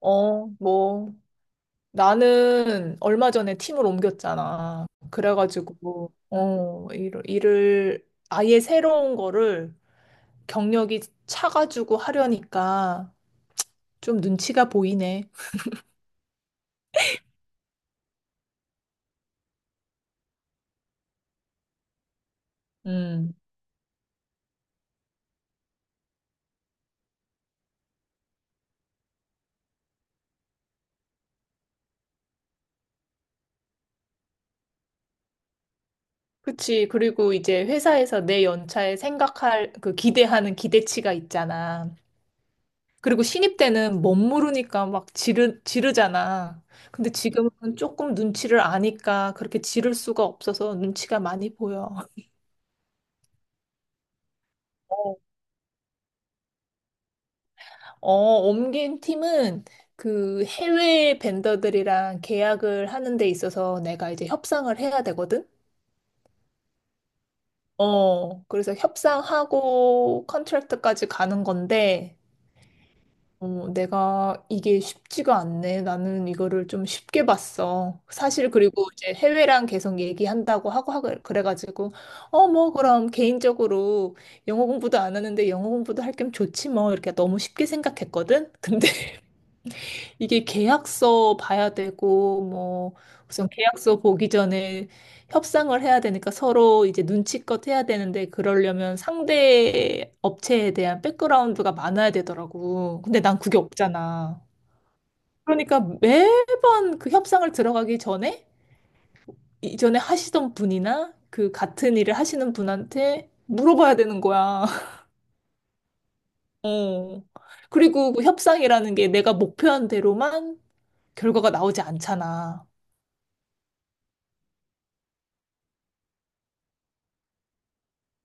어, 뭐, 나는 얼마 전에 팀을 옮겼잖아. 그래가지고, 어, 일을 아예 새로운 거를 경력이 차가지고 하려니까 좀 눈치가 보이네. 음, 그치. 그리고 이제 회사에서 내 연차에 생각할, 그 기대하는 기대치가 있잖아. 그리고 신입 때는 멋모르니까 막 지르잖아. 근데 지금은 조금 눈치를 아니까 그렇게 지를 수가 없어서 눈치가 많이 보여. 어, 어, 옮긴 팀은 그 해외 벤더들이랑 계약을 하는 데 있어서 내가 이제 협상을 해야 되거든? 어, 그래서 협상하고 컨트랙트까지 가는 건데, 어, 내가 이게 쉽지가 않네. 나는 이거를 좀 쉽게 봤어. 사실 그리고 이제 해외랑 계속 얘기한다고 하고 하 그래가지고, 어, 뭐 그럼 개인적으로 영어 공부도 안 하는데 영어 공부도 할 겸 좋지 뭐 이렇게 너무 쉽게 생각했거든? 근데 이게 계약서 봐야 되고, 뭐, 우선 계약서 보기 전에 협상을 해야 되니까 서로 이제 눈치껏 해야 되는데, 그러려면 상대 업체에 대한 백그라운드가 많아야 되더라고. 근데 난 그게 없잖아. 그러니까 매번 그 협상을 들어가기 전에, 이전에 하시던 분이나 그 같은 일을 하시는 분한테 물어봐야 되는 거야. 어. 그리고 그 협상이라는 게 내가 목표한 대로만 결과가 나오지 않잖아.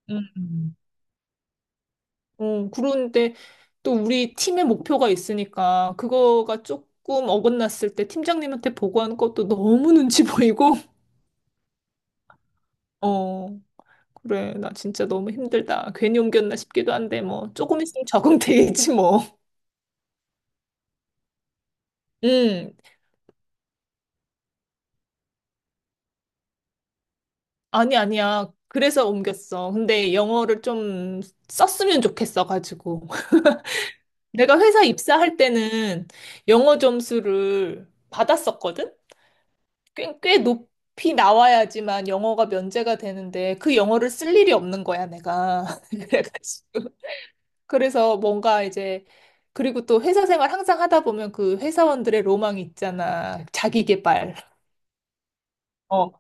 음. 어, 그런데 또 우리 팀의 목표가 있으니까 그거가 조금 어긋났을 때 팀장님한테 보고하는 것도 너무 눈치 보이고, 어, 그래, 나 진짜 너무 힘들다. 괜히 옮겼나 싶기도 한데, 뭐, 조금 있으면 적응되겠지, 뭐. 음, 아니, 아니야. 그래서 옮겼어. 근데 영어를 좀 썼으면 좋겠어 가지고. 내가 회사 입사할 때는 영어 점수를 받았었거든? 꽤 높이 나와야지만 영어가 면제가 되는데 그 영어를 쓸 일이 없는 거야, 내가. 그래가지고. 그래서 뭔가 이제 그리고 또 회사 생활 항상 하다 보면 그 회사원들의 로망이 있잖아. 자기 개발. 어,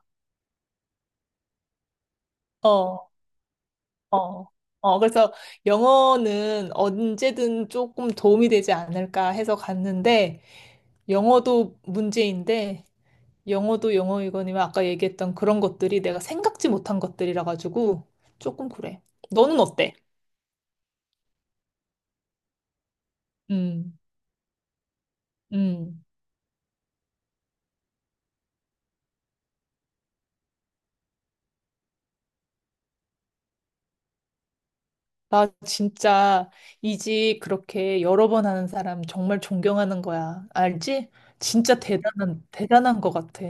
어, 어. 어, 그래서 영어는 언제든 조금 도움이 되지 않을까 해서 갔는데 영어도 문제인데 영어도 영어이거니와 아까 얘기했던 그런 것들이 내가 생각지 못한 것들이라 가지고 조금 그래. 너는 어때? 음, 음. 나 진짜 이직 그렇게 여러 번 하는 사람 정말 존경하는 거야. 알지? 진짜 대단한, 대단한 것 같아.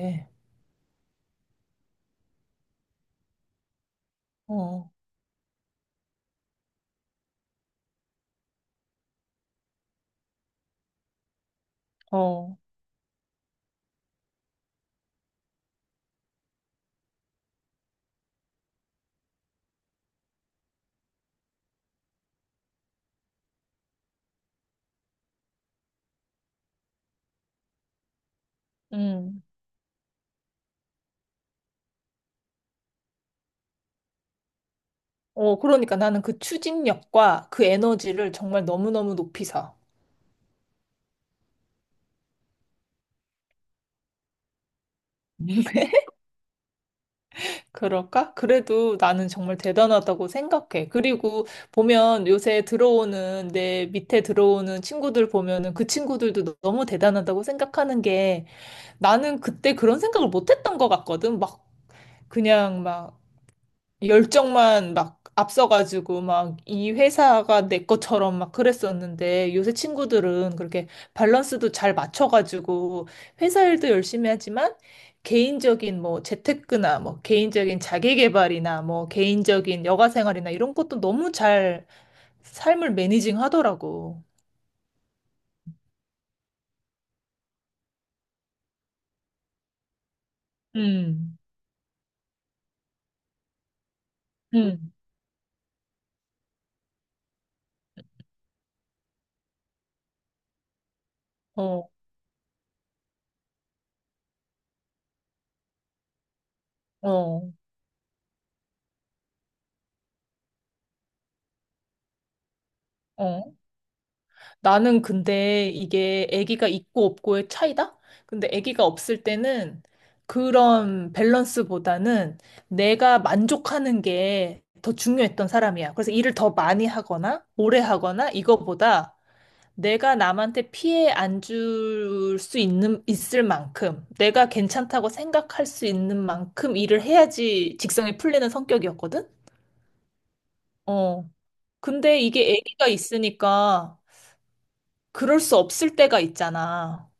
어, 어, 음. 어, 그러니까 나는 그 추진력과 그 에너지를 정말 너무너무 높이 사. 그럴까? 그래도 나는 정말 대단하다고 생각해. 그리고 보면 요새 들어오는 내 밑에 들어오는 친구들 보면은 그 친구들도 너무 대단하다고 생각하는 게 나는 그때 그런 생각을 못 했던 것 같거든. 막 그냥 막 열정만 막 앞서가지고 막 이 회사가 내 것처럼 막 그랬었는데 요새 친구들은 그렇게 밸런스도 잘 맞춰가지고 회사 일도 열심히 하지만 개인적인 뭐 재테크나 뭐 개인적인 자기 개발이나 뭐 개인적인 여가 생활이나 이런 것도 너무 잘 삶을 매니징 하더라고. 음, 음, 어, 어, 어. 나는 근데 이게 아기가 있고 없고의 차이다? 근데 아기가 없을 때는 그런 밸런스보다는 내가 만족하는 게 더 중요했던 사람이야. 그래서 일을 더 많이 하거나 오래 하거나 이거보다 내가 남한테 피해 안 줄 수 있는 있을 만큼 내가 괜찮다고 생각할 수 있는 만큼 일을 해야지 직성이 풀리는 성격이었거든. 어. 근데 이게 아기가 있으니까 그럴 수 없을 때가 있잖아.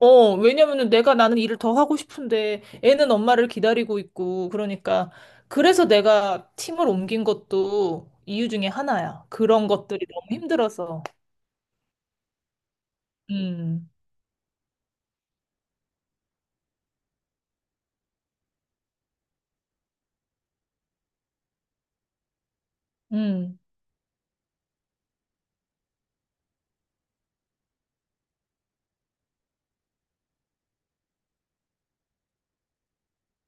어, 왜냐면은 내가 나는 일을 더 하고 싶은데 애는 엄마를 기다리고 있고 그러니까 그래서 내가 팀을 옮긴 것도 이유 중에 하나야. 그런 것들이 너무 힘들어서. 음, 음.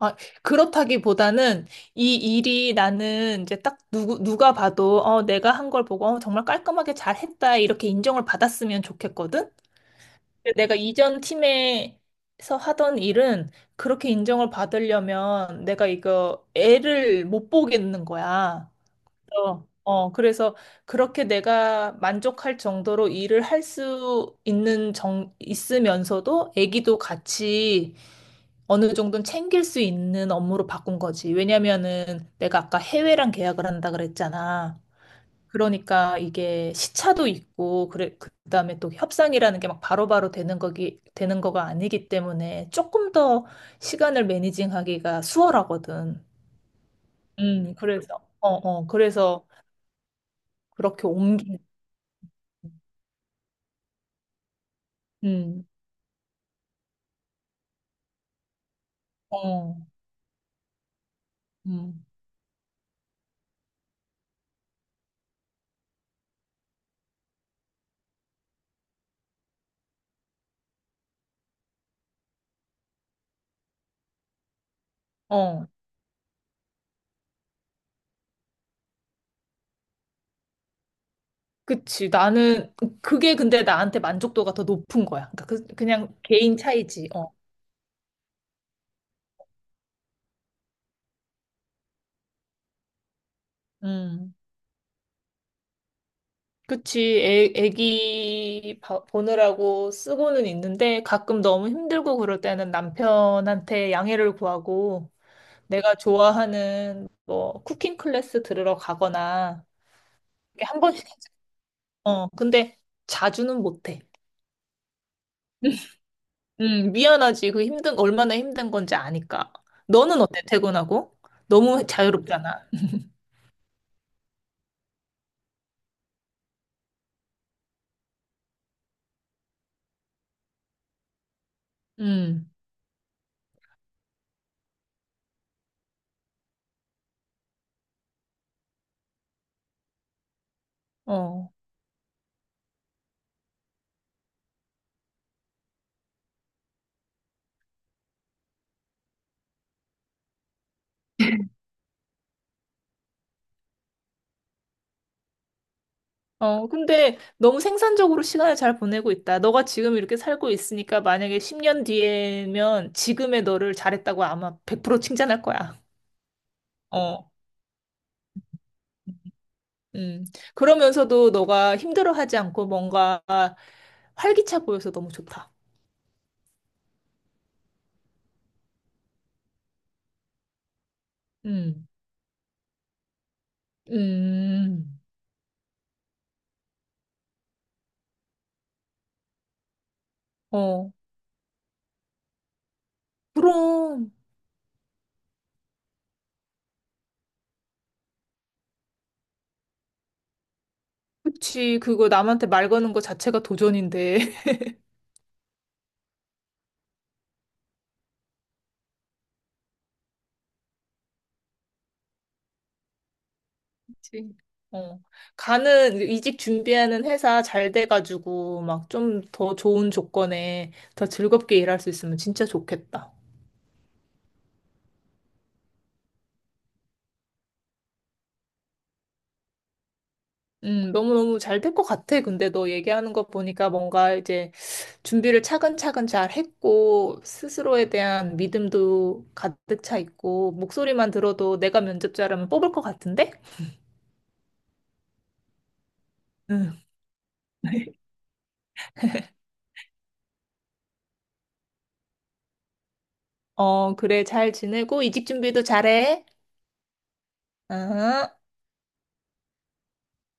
아, 그렇다기보다는 이 일이 나는 이제 딱 누구, 누가 봐도 어, 내가 한 걸 보고 어, 정말 깔끔하게 잘 했다 이렇게 인정을 받았으면 좋겠거든? 내가 이전 팀에서 하던 일은 그렇게 인정을 받으려면 내가 이거 애를 못 보겠는 거야. 그래서, 어, 그래서 그렇게 내가 만족할 정도로 일을 할 수 있는 정, 있으면서도 애기도 같이 어느 정도는 챙길 수 있는 업무로 바꾼 거지. 왜냐면은 내가 아까 해외랑 계약을 한다 그랬잖아. 그러니까 이게 시차도 있고 그래 그다음에 또 협상이라는 게 막 바로바로 되는 거가 아니기 때문에 조금 더 시간을 매니징하기가 수월하거든. 그래서 어, 어, 그래서 그렇게 옮기 음. 어. 음. 어. 그치. 나는 그게 근데 나한테 만족도가 더 높은 거야. 그러니까 그냥 개인 차이지. 어. 음. 그치, 애기 보느라고 쓰고는 있는데 가끔 너무 힘들고 그럴 때는 남편한테 양해를 구하고 내가 좋아하는 뭐 쿠킹 클래스 들으러 가거나 이렇게 한 번씩, 어, 근데 자주는 못해. 미안하지. 그 힘든, 얼마나 힘든 건지 아니까. 너는 어때, 퇴근하고? 너무 자유롭잖아. 음, 어. 어, 근데 너무 생산적으로 시간을 잘 보내고 있다. 너가 지금 이렇게 살고 있으니까 만약에 10년 뒤에면 지금의 너를 잘했다고 아마 100% 칭찬할 거야. 어. 음. 그러면서도 너가 힘들어하지 않고 뭔가 활기차 보여서 너무 좋다. 음. 음. 어. 그럼. 그치. 그거 남한테 말 거는 거 자체가 도전인데. 그치. 어. 가는, 이직 준비하는 회사 잘 돼가지고, 막 좀 더 좋은 조건에 더 즐겁게 일할 수 있으면 진짜 좋겠다. 너무너무 잘 될 것 같아. 근데 너 얘기하는 거 보니까 뭔가 이제 준비를 차근차근 잘 했고, 스스로에 대한 믿음도 가득 차 있고, 목소리만 들어도 내가 면접자라면 뽑을 것 같은데? 응. 어, 그래. 잘 지내고, 이직 준비도 잘해. 응.